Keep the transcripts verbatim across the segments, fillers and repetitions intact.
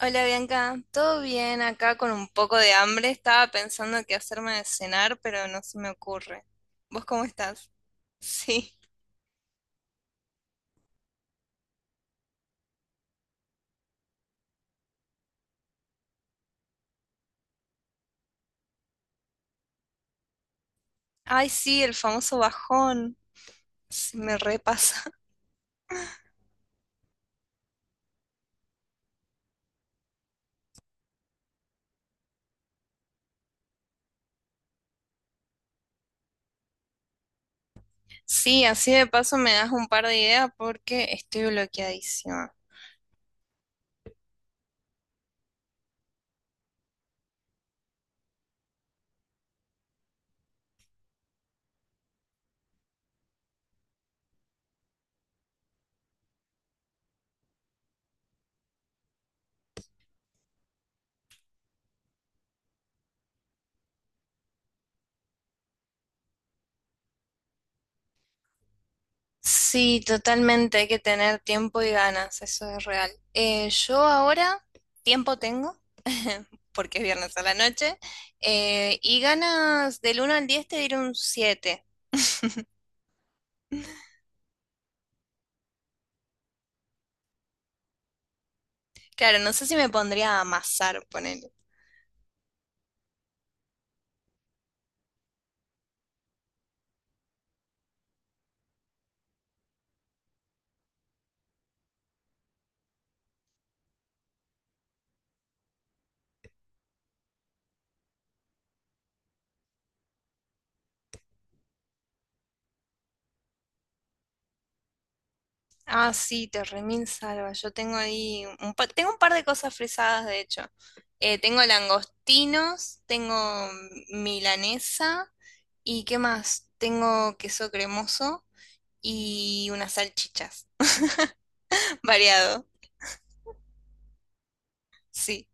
Hola Bianca, ¿todo bien acá con un poco de hambre? Estaba pensando qué hacerme de cenar, pero no se me ocurre. ¿Vos cómo estás? Sí. Ay, sí, el famoso bajón. Se me repasa. Sí, así de paso me das un par de ideas porque estoy bloqueadísima. Sí, totalmente, hay que tener tiempo y ganas, eso es real. Eh, yo ahora tiempo tengo, porque es viernes a la noche, eh, y ganas del uno al diez te diré un siete. Claro, no sé si me pondría a amasar, ponele. Ah, sí, te remil salva. Yo tengo ahí un pa- tengo un par de cosas frisadas, de hecho. Eh, tengo langostinos, tengo milanesa y ¿qué más? Tengo queso cremoso y unas salchichas. Variado, sí.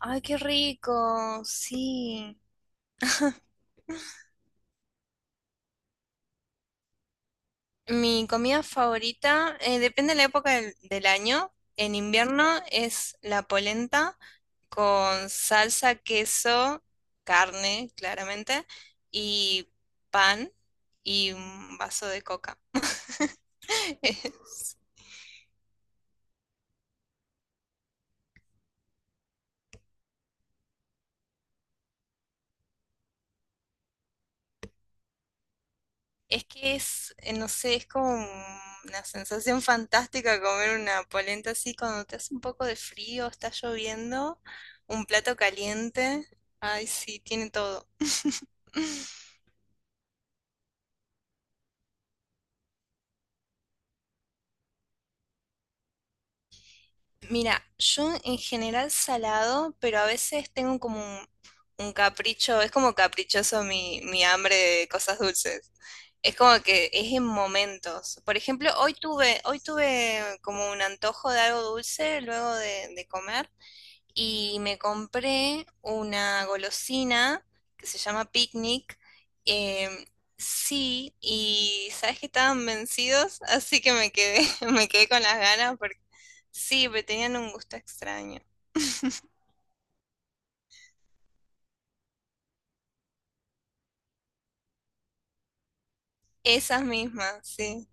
Ay, qué rico, sí. Mi comida favorita, eh, depende de la época del, del año. En invierno es la polenta con salsa, queso, carne, claramente, y pan y un vaso de coca. Es que es, eh, no sé, es como una sensación fantástica comer una polenta así cuando te hace un poco de frío, está lloviendo, un plato caliente. Ay, sí, tiene todo. Mira, yo en general salado, pero a veces tengo como un, un capricho, es como caprichoso mi, mi hambre de cosas dulces. Es como que es en momentos. Por ejemplo, hoy tuve, hoy tuve como un antojo de algo dulce luego de, de comer. Y me compré una golosina que se llama Picnic. em, sí, y sabes que estaban vencidos, así que me quedé, me quedé con las ganas porque sí, pero tenían un gusto extraño. Esas mismas, sí,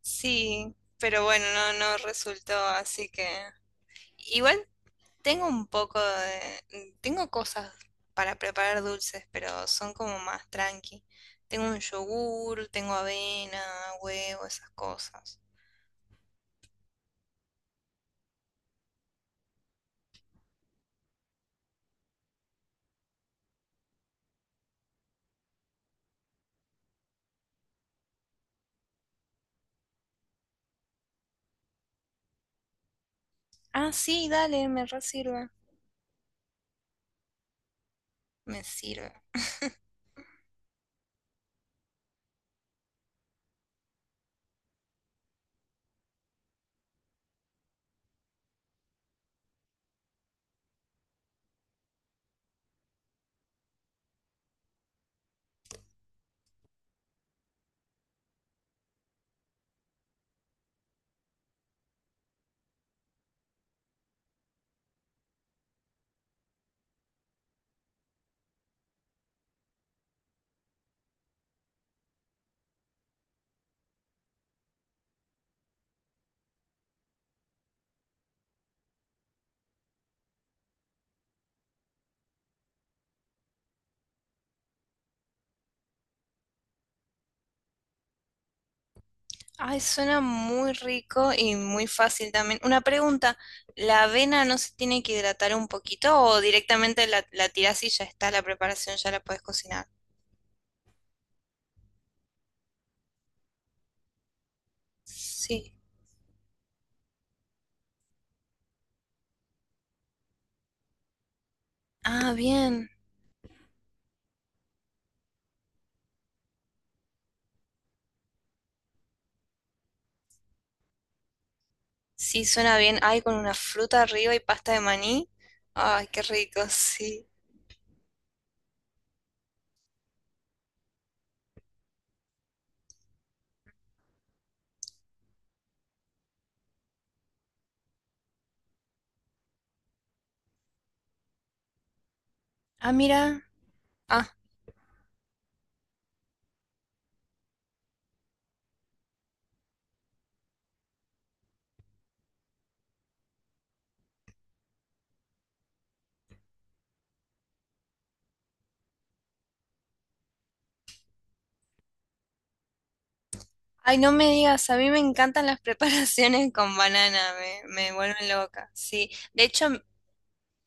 sí, pero bueno, no, no resultó, así que igual Tengo un poco de... tengo cosas para preparar dulces, pero son como más tranqui. Tengo un yogur, tengo avena, huevo, esas cosas. Ah, sí, dale, me re sirve. Me sirve. Ay, suena muy rico y muy fácil también. Una pregunta, ¿la avena no se tiene que hidratar un poquito o directamente la, la tirás y ya está la preparación, ya la puedes cocinar? Sí. Ah, bien. Sí, suena bien. Ay, con una fruta arriba y pasta de maní. Ay, qué rico, sí. Ah, mira. Ah, ay, no me digas, a mí me encantan las preparaciones con banana, me, me vuelven loca. Sí, de hecho.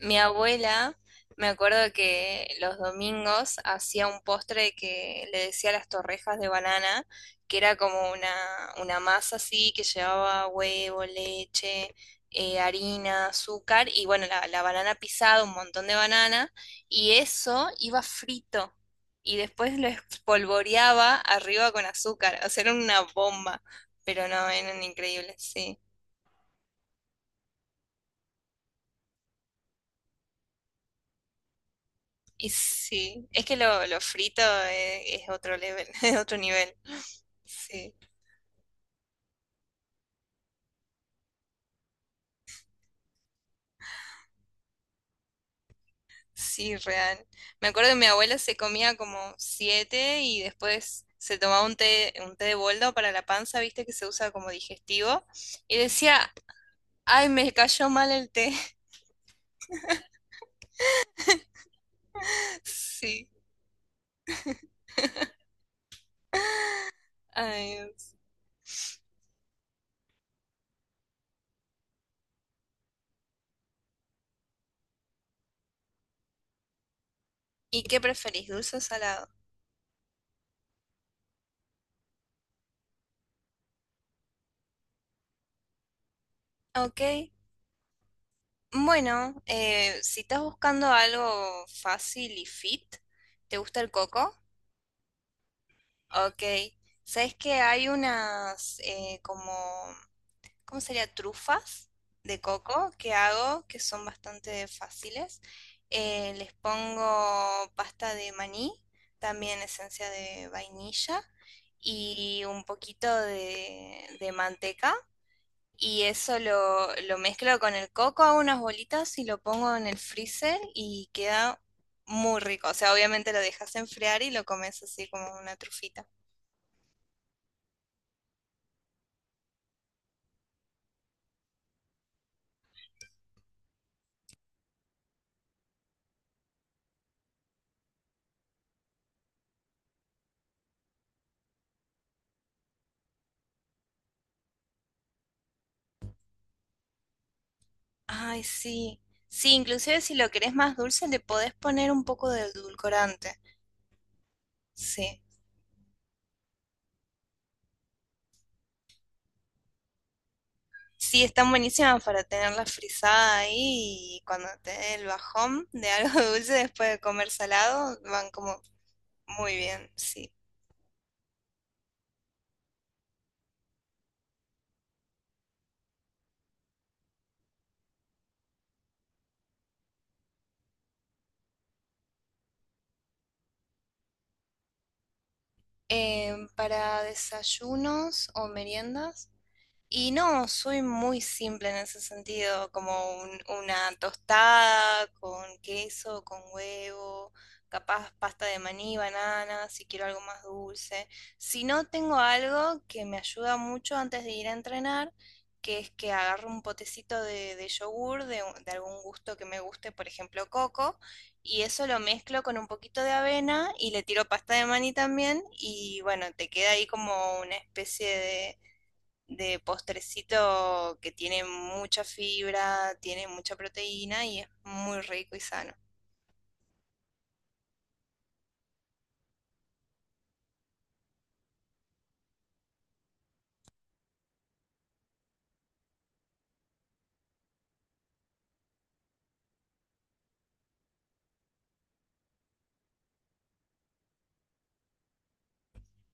Mi abuela, me acuerdo que los domingos hacía un postre que le decía las torrejas de banana, que era como una, una masa así que llevaba huevo, leche, eh, harina, azúcar y bueno, la, la banana pisada, un montón de banana, y eso iba frito y después lo espolvoreaba arriba con azúcar, o sea, era una bomba, pero no, eran increíbles, sí. Y sí, es que lo, lo frito es, es otro level, es otro nivel. Sí, sí, real. Me acuerdo que mi abuela se comía como siete y después se tomaba un té, un té de boldo para la panza, viste que se usa como digestivo. Y decía, ay, me cayó mal el té. Sí, ay, Dios. ¿Y qué preferís, dulce o salado? Ah, ok, bueno, eh, si estás buscando algo fácil y fit, ¿te gusta el coco? Ok. ¿Sabes que hay unas eh, como, ¿cómo sería? Trufas de coco que hago que son bastante fáciles. Eh, les pongo pasta de maní, también esencia de vainilla y un poquito de, de manteca. Y eso lo, lo mezclo con el coco, hago unas bolitas y lo pongo en el freezer y queda muy rico. O sea, obviamente lo dejas enfriar y lo comes así como una trufita. Ay, sí. Sí, inclusive si lo querés más dulce, le podés poner un poco de edulcorante. Sí. Sí, están buenísimas para tenerla frisada ahí y cuando te dé el bajón de algo dulce después de comer salado, van como muy bien, sí. Em, para desayunos o meriendas. Y no, soy muy simple en ese sentido, como un- una tostada con queso, con huevo, capaz pasta de maní, banana, si quiero algo más dulce. Si no, tengo algo que me ayuda mucho antes de ir a entrenar, que es que agarro un potecito de, de yogur de, un- de algún gusto que me guste, por ejemplo, coco, y eso lo mezclo con un poquito de avena y le tiro pasta de maní también, y bueno, te queda ahí como una especie de de postrecito que tiene mucha fibra, tiene mucha proteína y es muy rico y sano.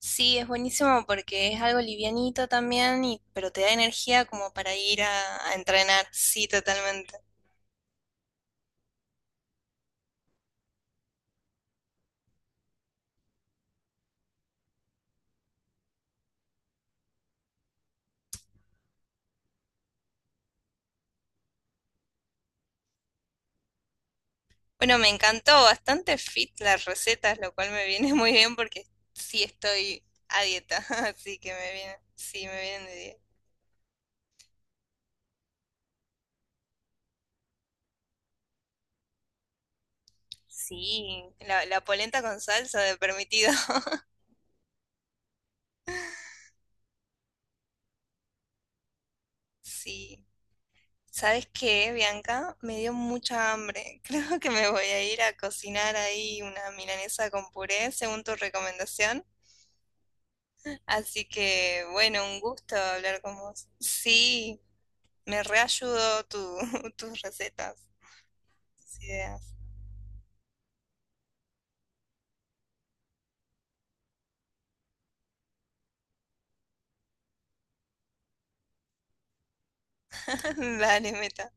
Sí, es buenísimo porque es algo livianito también, y, pero te da energía como para ir a, a entrenar. Sí, totalmente. Bueno, me encantó bastante fit las recetas, lo cual me viene muy bien porque sí estoy a dieta, así que me viene, sí, me vienen de dieta. Sí, la, la polenta con salsa de permitido. Sí. ¿Sabes qué, Bianca? Me dio mucha hambre. Creo que me voy a ir a cocinar ahí una milanesa con puré, según tu recomendación. Así que, bueno, un gusto hablar con vos. Sí, me reayudó tu, tus recetas, tus ideas. Vale, Meta.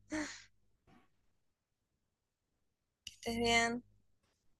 Que estés bien.